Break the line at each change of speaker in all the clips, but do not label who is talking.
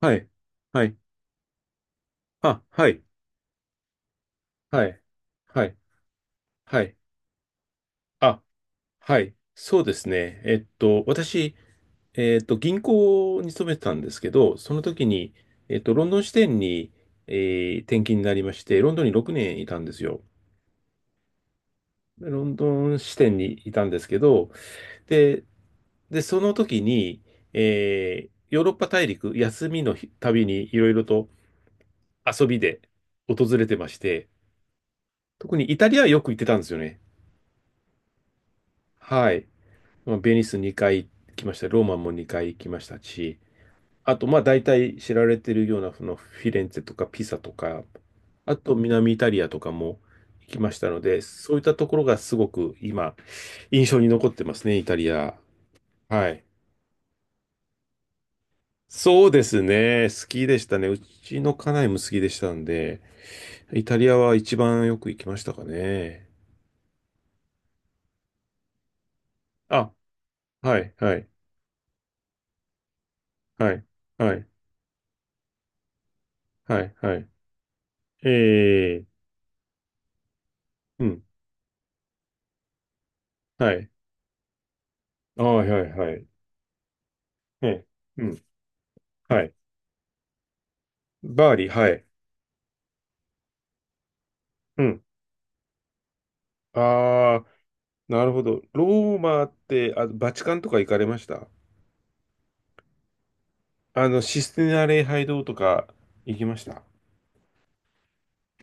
はい。はい。あ、はい。はい。はい。はい。あ、はい。そうですね。私、銀行に勤めてたんですけど、その時に、ロンドン支店に、え転勤になりまして、ロンドンに6年いたんですよ。でロンドン支店にいたんですけど、で、で、その時に、ヨーロッパ大陸、休みの日旅にいろいろと遊びで訪れてまして、特にイタリアはよく行ってたんですよね。はい。まあベニス2回行きました。ローマも2回行きましたし、あと、まあ大体知られてるようなそのフィレンツェとかピサとか、あと南イタリアとかも行きましたので、そういったところがすごく今印象に残ってますね、イタリア。はい。そうですね。好きでしたね。うちの家内も好きでしたんで、イタリアは一番よく行きましたかね。あ、はい、はい、はい、はい、はい、はい。ええ、うん、はい。ああ、はい、はい。ええ、うん。はい。バーリー、はい。うん。ああ、なるほど。ローマって、あ、バチカンとか行かれました？システィナ礼拝堂とか行きました？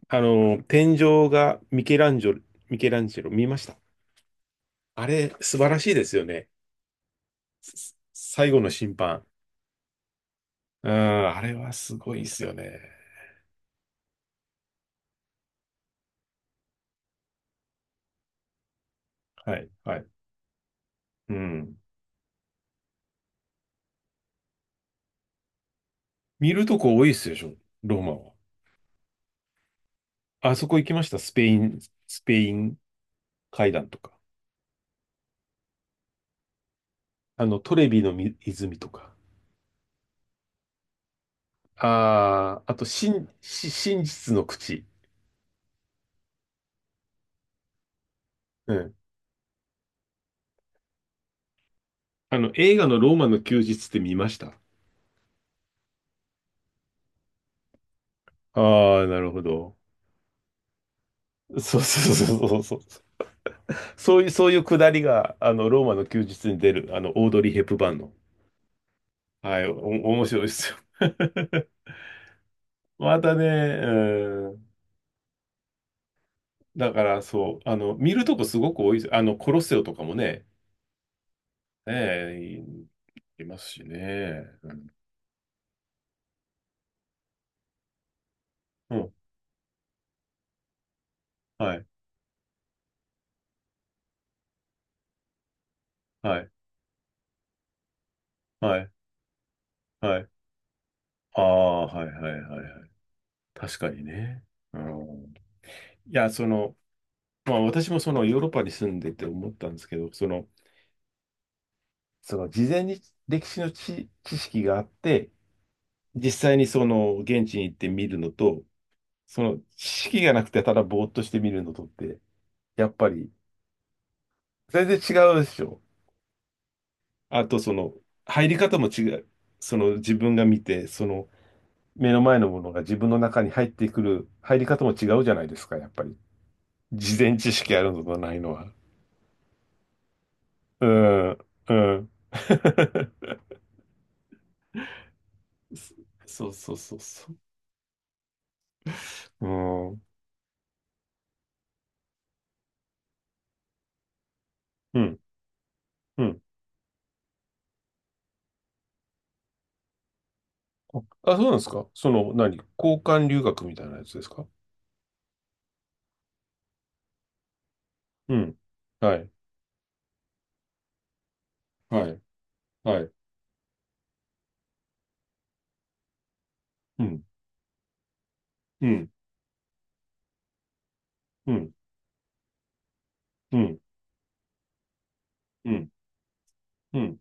天井がミケランジェロ見ました？あれ、素晴らしいですよね。最後の審判。うん、あれはすごいですよね。はい、はい。うん。見るとこ多いですでしょ、ローマは。あそこ行きました？スペイン階段とか。あの、トレビの泉とか。ああ、あと、真実の口。うん。映画のローマの休日って見ました？ああ、なるほど。そうそうそうそうそう。そういうくだりが、ローマの休日に出る、オードリー・ヘップバーンの。はい、面白いですよ。またね、うん。だから、そう、見るとこすごく多いです。コロッセオとかもね、ねえ、いいますしね。うん。うん、はい、はい、はい、はい。ああ、はいはいはいはい。確かにね。うん、いや、その、まあ私もそのヨーロッパに住んでて思ったんですけど、その事前に歴史の知識があって、実際にその現地に行って見るのと、その知識がなくてただぼーっとして見るのとって、やっぱり全然違うでしょ。あとその入り方も違う。その自分が見て、その目の前のものが自分の中に入ってくる入り方も違うじゃないですか、やっぱり。事前知識あるのとないのは。うん、うん。そうそうそうそう。うん、うん、うん。あ、そうなんですか？その、何、交換留学みたいなやつですか？うん。はい、はい、はい。うん、うん、うん、うん、うん、うん、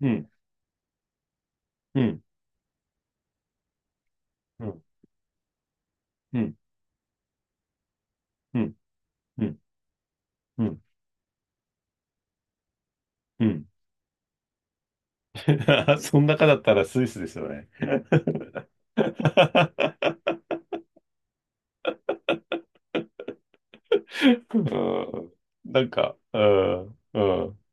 うん、うん、うん、うん、うん、うん、うん、うん。そん中だったらスイスですよね。うん、なんか、うん、うん。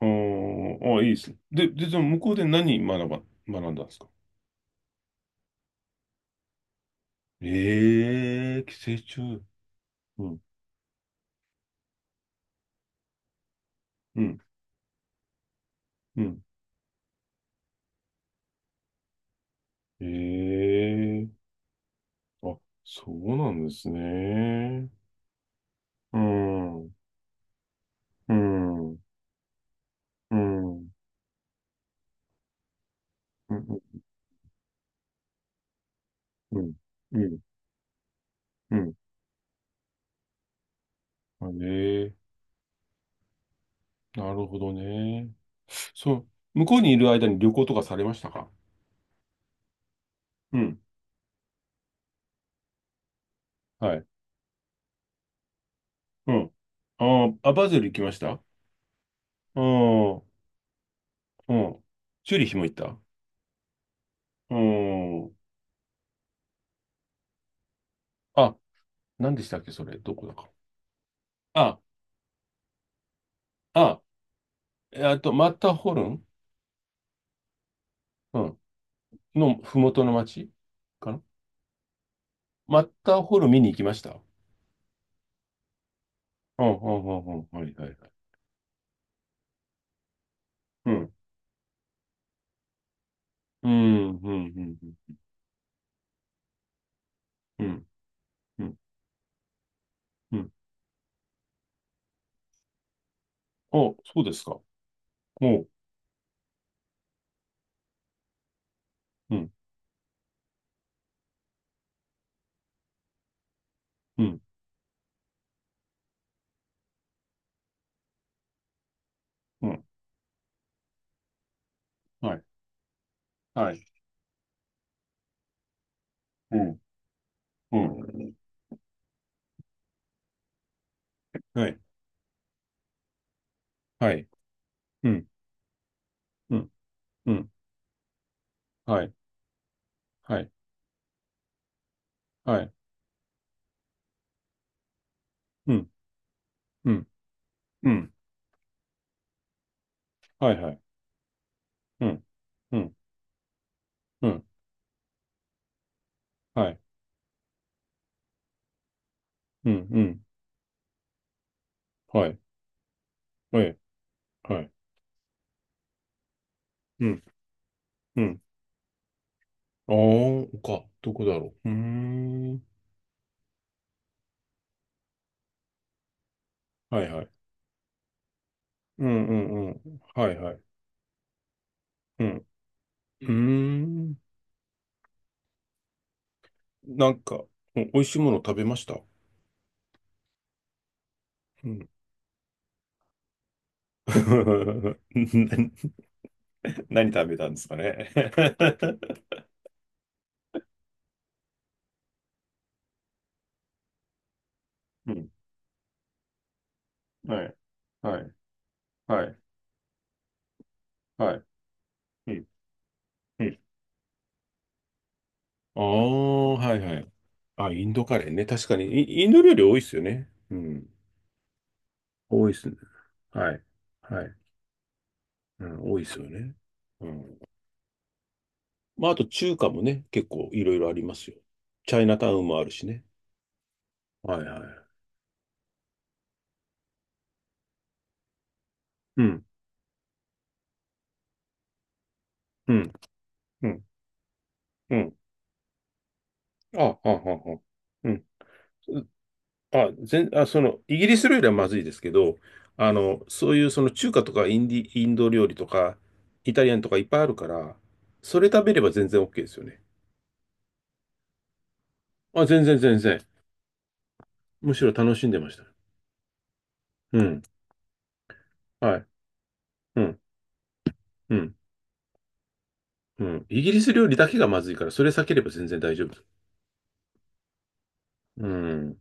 あーあ、いいですね。で、で、じゃあ向こうで何学んだんですか？ええー、寄生虫？うん、うん、うん。ええーあ、そうなんですね。うん、うん、うん、うん、うん、うん、うん。うん、なるほどね。そう、向こうにいる間に旅行とかされましたか？うん、はい。うん。あーあ、バズル行きました？ああ、うん。チューリヒも行った？うん。あ、何でしたっけ、それ。どこだか。あ、あ、マッターホルン、うん、のふもとの町かな。マッターホルン見に行きました。うん、うん、うん、うん、はい、はい、はい。うん、うん、うん、うん、うん、うん、うん。お、そうですか。おう、うん、うん、うん、はい、はい、うん、うん、はい、はい、うん、うん、うん、はい、はい、はい、うん、うん、うん、はい、はい、うん、うん、うん、はい、うん、うん、はい、はい、はい。うん、うん。ああ、丘、どこだろう。うーん。はいはい。うんうんうん。はいはい。うん。うーん。なんか、お美味しいもの食べました？うん。な何食べたんですかね。うん。はい。はい。はい。はい。うん。うん。ああ、はいはい。あ、インドカレーね。確かに、インド料理多いっすよね。うん。多いっすね。はい。はい。うん、多いっすよね。うん。まあ、あと中華もね、結構いろいろありますよ。チャイナタウンもあるしね。はいはい。うん、うん、うん、うん。あ、はあ、はあ、うん。あ、その、イギリス料理はまずいですけど、あの、そういうその中華とかインド料理とか、イタリアンとかいっぱいあるから、それ食べれば全然 OK ですよね。あ、全然全然。むしろ楽しんでました。うん。はい。うん。うん。うん。イギリス料理だけがまずいから、それ避ければ全然大丈夫。うん。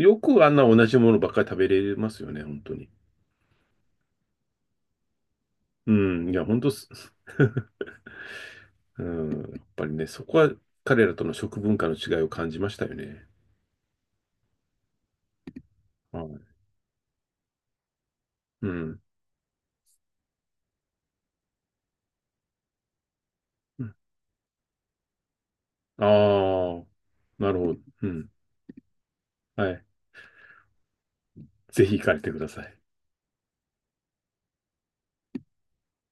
よくあんな同じものばっかり食べれますよね、本当に。うん。いや、本当す、うん。やっぱりね、そこは彼らとの食文化の違いを感じましたよね。はい。うん。ああー、なるほど。うん。はい。ぜひ行かれてください。